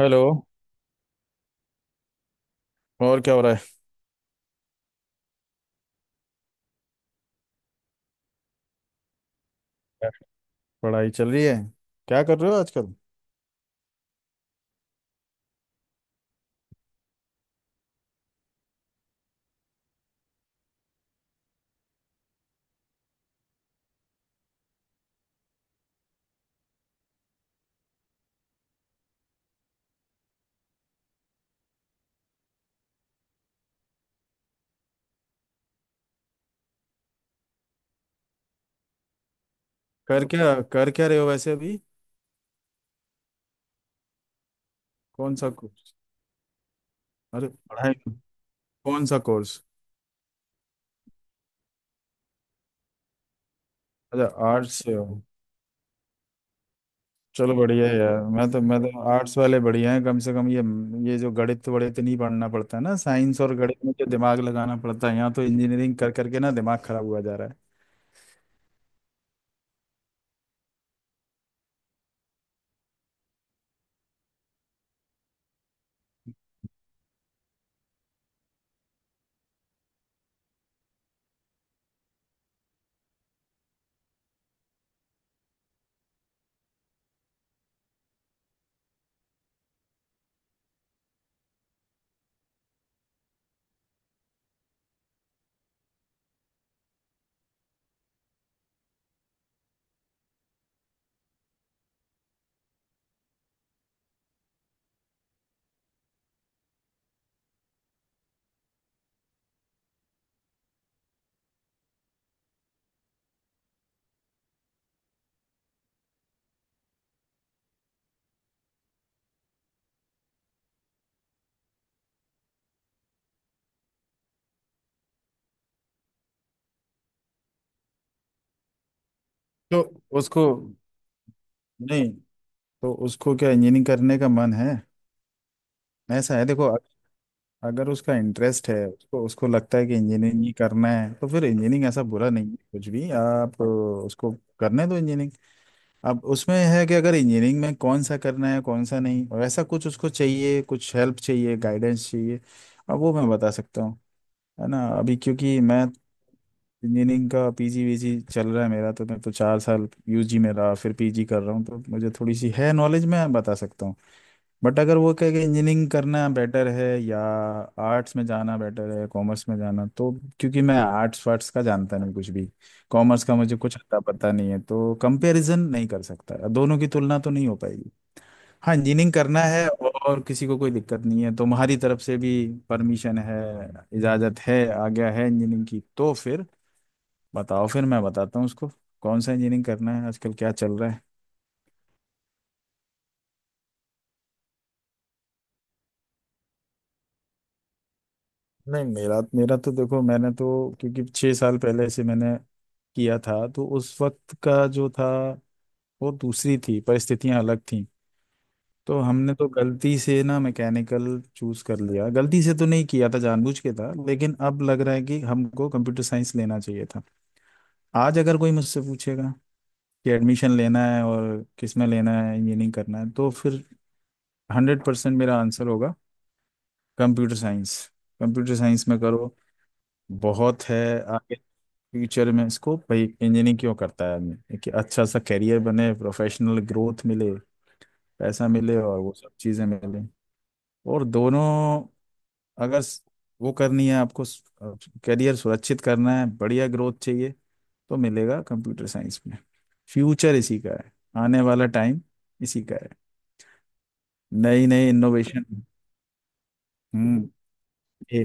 Hello. और क्या हो रहा है। पढ़ाई चल रही है। क्या कर रहे हो आजकल। कर क्या रहे हो वैसे अभी। कौन सा कोर्स। अरे पढ़ाई तो। कौन सा कोर्स। अच्छा आर्ट्स से हो। चलो बढ़िया है यार, मैं तो आर्ट्स वाले बढ़िया हैं कम से कम ये। ये जो गणित वणित नहीं पढ़ना पड़ता है ना, साइंस और गणित में जो दिमाग लगाना पड़ता है, यहाँ तो इंजीनियरिंग कर करके ना दिमाग खराब हुआ जा रहा है। तो उसको, नहीं, तो उसको क्या इंजीनियरिंग करने का मन है। ऐसा है देखो, अगर उसका इंटरेस्ट है, उसको उसको लगता है कि इंजीनियरिंग ही करना है तो फिर इंजीनियरिंग ऐसा बुरा नहीं है कुछ भी। आप उसको करने दो इंजीनियरिंग। अब उसमें है कि अगर इंजीनियरिंग में कौन सा करना है कौन सा नहीं और ऐसा कुछ, उसको चाहिए कुछ हेल्प चाहिए गाइडेंस चाहिए, अब वो मैं बता सकता हूँ। है ना, अभी क्योंकि मैं इंजीनियरिंग का पीजी वीजी चल रहा है मेरा, तो मैं तो 4 साल यूजी में रहा फिर पीजी कर रहा हूँ, तो मुझे थोड़ी सी है नॉलेज, मैं बता सकता हूँ। बट अगर वो कहे कि इंजीनियरिंग करना बेटर है या आर्ट्स में जाना बेटर है, कॉमर्स में जाना, तो क्योंकि मैं आर्ट्स वार्ट्स का जानता नहीं कुछ भी, कॉमर्स का मुझे कुछ अता पता नहीं है, तो कंपैरिजन नहीं कर सकता, दोनों की तुलना तो नहीं हो पाएगी। हाँ, इंजीनियरिंग करना है और किसी को कोई दिक्कत नहीं है तो तुम्हारी तरफ से भी परमिशन है, इजाज़त है, आज्ञा है इंजीनियरिंग की, तो फिर बताओ, फिर मैं बताता हूँ उसको कौन सा इंजीनियरिंग करना है, आजकल क्या चल रहा है। नहीं, मेरा मेरा तो देखो, मैंने तो, क्योंकि 6 साल पहले से मैंने किया था, तो उस वक्त का जो था वो दूसरी थी, परिस्थितियां अलग थी। तो हमने तो गलती से ना मैकेनिकल चूज कर लिया, गलती से तो नहीं किया था, जानबूझ के था, लेकिन अब लग रहा है कि हमको कंप्यूटर साइंस लेना चाहिए था। आज अगर कोई मुझसे पूछेगा कि एडमिशन लेना है और किस में लेना है, इंजीनियरिंग करना है, तो फिर 100% मेरा आंसर होगा कंप्यूटर साइंस। कंप्यूटर साइंस में करो, बहुत है फ्यूचर में इसको। भाई इंजीनियरिंग क्यों करता है आदमी, कि अच्छा सा करियर बने, प्रोफेशनल ग्रोथ मिले, पैसा मिले और वो सब चीज़ें मिले। और दोनों, अगर वो करनी है आपको, करियर सुरक्षित करना है, बढ़िया ग्रोथ चाहिए, तो मिलेगा कंप्यूटर साइंस में। फ्यूचर इसी का है, आने वाला टाइम इसी का है। नई नई इनोवेशन। हम्म ए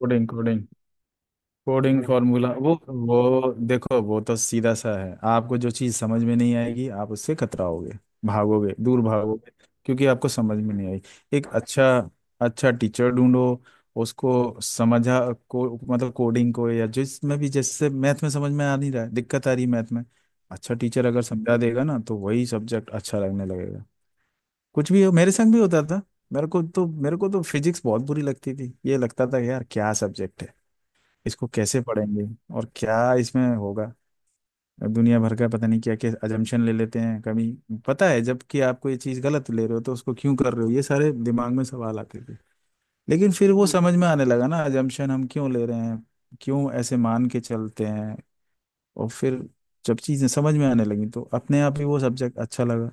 कोडिंग कोडिंग कोडिंग मैंने फॉर्मूला वो देखो, वो तो सीधा सा है। आपको जो चीज़ समझ में नहीं आएगी आप उससे कतराओगे, भागोगे, दूर भागोगे, क्योंकि आपको समझ में नहीं आएगी। एक अच्छा अच्छा टीचर ढूंढो, उसको समझा, को मतलब कोडिंग को, या जिसमें भी, जैसे मैथ में, समझ में आ नहीं रहा है, दिक्कत आ रही है मैथ में, अच्छा टीचर अगर समझा देगा ना, तो वही सब्जेक्ट अच्छा लगने लगेगा। कुछ भी हो, मेरे संग भी होता था। मेरे को तो फिजिक्स बहुत बुरी लगती थी, ये लगता था यार क्या सब्जेक्ट है, इसको कैसे पढ़ेंगे, और क्या इसमें होगा, दुनिया भर का पता नहीं क्या क्या अजम्पशन ले लेते हैं, कभी पता है जबकि आपको ये चीज़ गलत ले रहे हो तो उसको क्यों कर रहे हो, ये सारे दिमाग में सवाल आते थे। लेकिन फिर वो समझ में आने लगा ना, अजम्पशन हम क्यों ले रहे हैं, क्यों ऐसे मान के चलते हैं। और फिर जब चीज़ें समझ में आने लगी तो अपने आप ही वो सब्जेक्ट अच्छा लगा।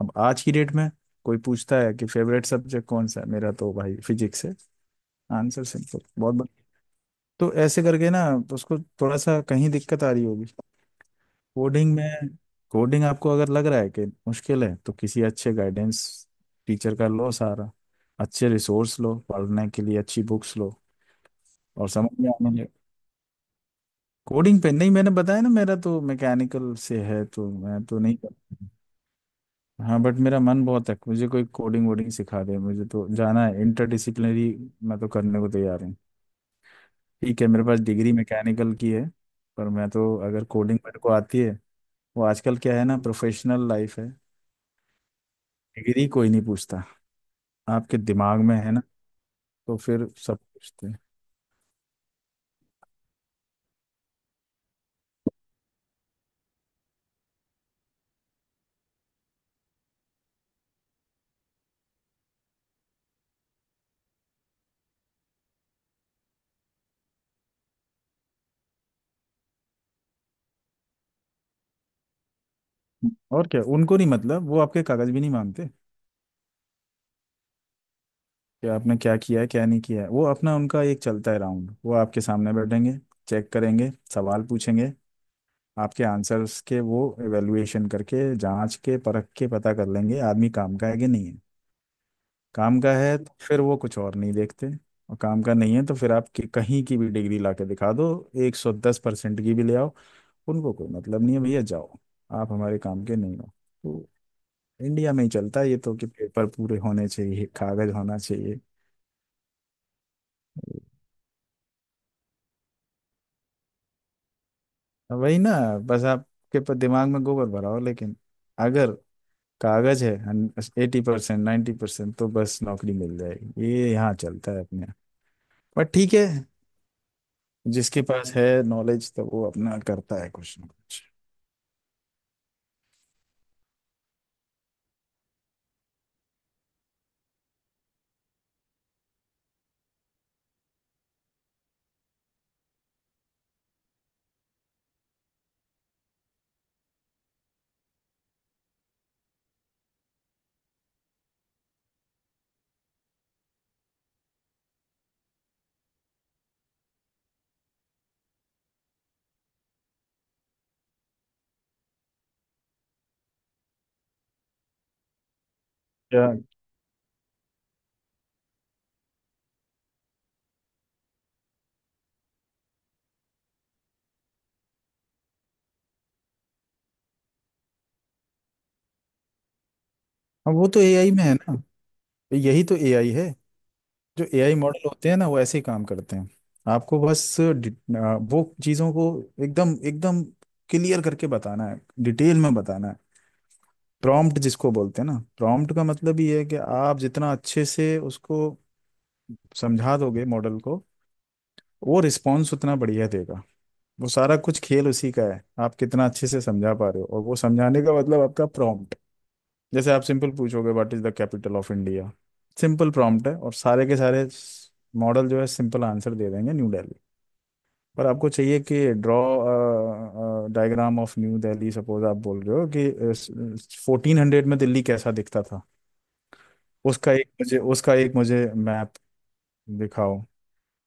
अब आज की डेट में कोई पूछता है कि फेवरेट सब्जेक्ट कौन सा है मेरा, तो भाई फिजिक्स है। आंसर सिंपल, बहुत बढ़िया। तो ऐसे करके ना, तो उसको थोड़ा सा कहीं दिक्कत आ रही होगी कोडिंग में। कोडिंग आपको अगर लग रहा है कि मुश्किल है, तो किसी अच्छे गाइडेंस टीचर का लो सहारा, अच्छे रिसोर्स लो पढ़ने के लिए, अच्छी बुक्स लो, और समझ में आने लगे कोडिंग पे। नहीं, मैंने बताया ना, मेरा तो मैकेनिकल से है, तो मैं तो नहीं कर, हाँ बट मेरा मन बहुत है, मुझे कोई कोडिंग वोडिंग सिखा दे, मुझे तो जाना है इंटरडिसिप्लिनरी। मैं तो करने को तैयार हूँ। ठीक है मेरे पास डिग्री मैकेनिकल की है, पर मैं तो, अगर कोडिंग मेरे को आती है, वो आजकल क्या है ना, प्रोफेशनल लाइफ है, डिग्री कोई नहीं पूछता, आपके दिमाग में है ना, तो फिर सब पूछते हैं। और क्या उनको नहीं, मतलब वो आपके कागज भी नहीं मांगते कि आपने क्या किया है क्या नहीं किया है, वो अपना, उनका एक चलता है राउंड, वो आपके सामने बैठेंगे, चेक करेंगे, सवाल पूछेंगे, आपके आंसर्स के वो एवेल्युएशन करके, जांच के परख के पता कर लेंगे आदमी काम का है कि नहीं है। काम का है तो फिर वो कुछ और नहीं देखते, और काम का नहीं है तो फिर आप कहीं की भी डिग्री ला के दिखा दो, 110% की भी ले आओ, उनको कोई मतलब नहीं है, भैया जाओ, आप हमारे काम के नहीं हो। तो इंडिया में ही चलता है ये तो, कि पेपर पूरे होने चाहिए, कागज होना चाहिए। वही ना, बस आपके दिमाग में गोबर भराओ, लेकिन अगर कागज है 80% 90%, तो बस नौकरी मिल जाएगी, ये यहाँ चलता है अपने यहाँ। पर ठीक है, जिसके पास है नॉलेज तो वो अपना करता है कुछ ना कुछ। क्या- हाँ, वो तो एआई में है ना, यही तो एआई है। जो एआई मॉडल होते हैं ना, वो ऐसे ही काम करते हैं। आपको बस वो चीज़ों को एकदम एकदम क्लियर करके बताना है, डिटेल में बताना है। प्रॉम्प्ट जिसको बोलते हैं ना, प्रॉम्प्ट का मतलब ये है कि आप जितना अच्छे से उसको समझा दोगे मॉडल को, वो रिस्पॉन्स उतना बढ़िया देगा। वो सारा कुछ खेल उसी का है, आप कितना अच्छे से समझा पा रहे हो, और वो समझाने का मतलब आपका प्रॉम्प्ट। जैसे आप सिंपल पूछोगे, what is the capital of India, simple prompt है, और सारे के सारे मॉडल जो है सिंपल आंसर दे देंगे, न्यू दिल्ली। पर आपको चाहिए कि draw diagram of New Delhi, suppose आप बोल रहे हो कि 1400 में दिल्ली कैसा दिखता था, उसका एक मुझे मैप दिखाओ।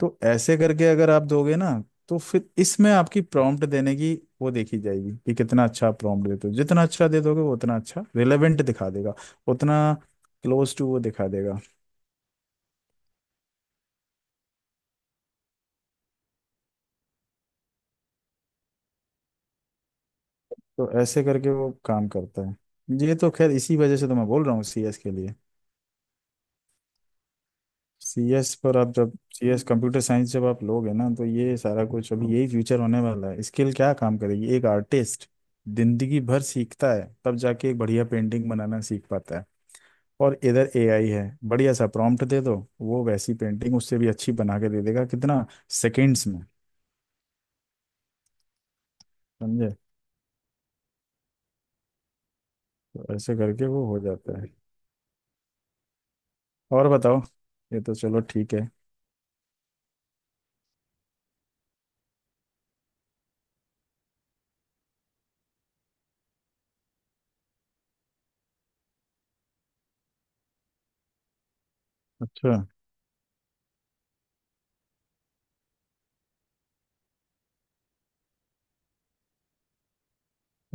तो ऐसे करके अगर आप दोगे ना, तो फिर इसमें आपकी प्रॉम्प्ट देने की वो देखी जाएगी कि कितना अच्छा प्रॉम्प्ट देते हो, जितना अच्छा दे दोगे वो उतना अच्छा रिलेवेंट दिखा देगा, उतना क्लोज टू वो दिखा देगा। तो ऐसे करके वो काम करता है। ये तो खैर इसी वजह से तो मैं बोल रहा हूँ सीएस के लिए, सीएस पर आप जब सीएस कंप्यूटर साइंस जब आप लोगे ना, तो ये सारा कुछ अभी, यही फ्यूचर होने वाला है। स्किल क्या काम करेगी, एक आर्टिस्ट जिंदगी भर सीखता है तब जाके एक बढ़िया पेंटिंग बनाना सीख पाता है। और इधर एआई है, बढ़िया सा प्रॉम्प्ट दे दो, वो वैसी पेंटिंग, उससे भी अच्छी, बना के दे देगा, कितना सेकेंड्स में, समझे। तो ऐसे करके वो हो जाता है। और बताओ, ये तो चलो ठीक है। अच्छा,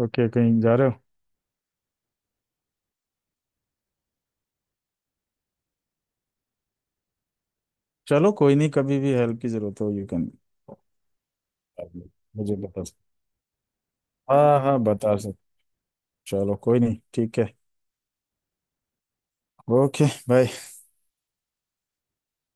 ओके कहीं जा रहे हो। चलो कोई नहीं, कभी भी हेल्प की जरूरत हो यू कैन, मुझे बता, हाँ हाँ बता सकते, चलो कोई नहीं, ठीक है। Okay bye.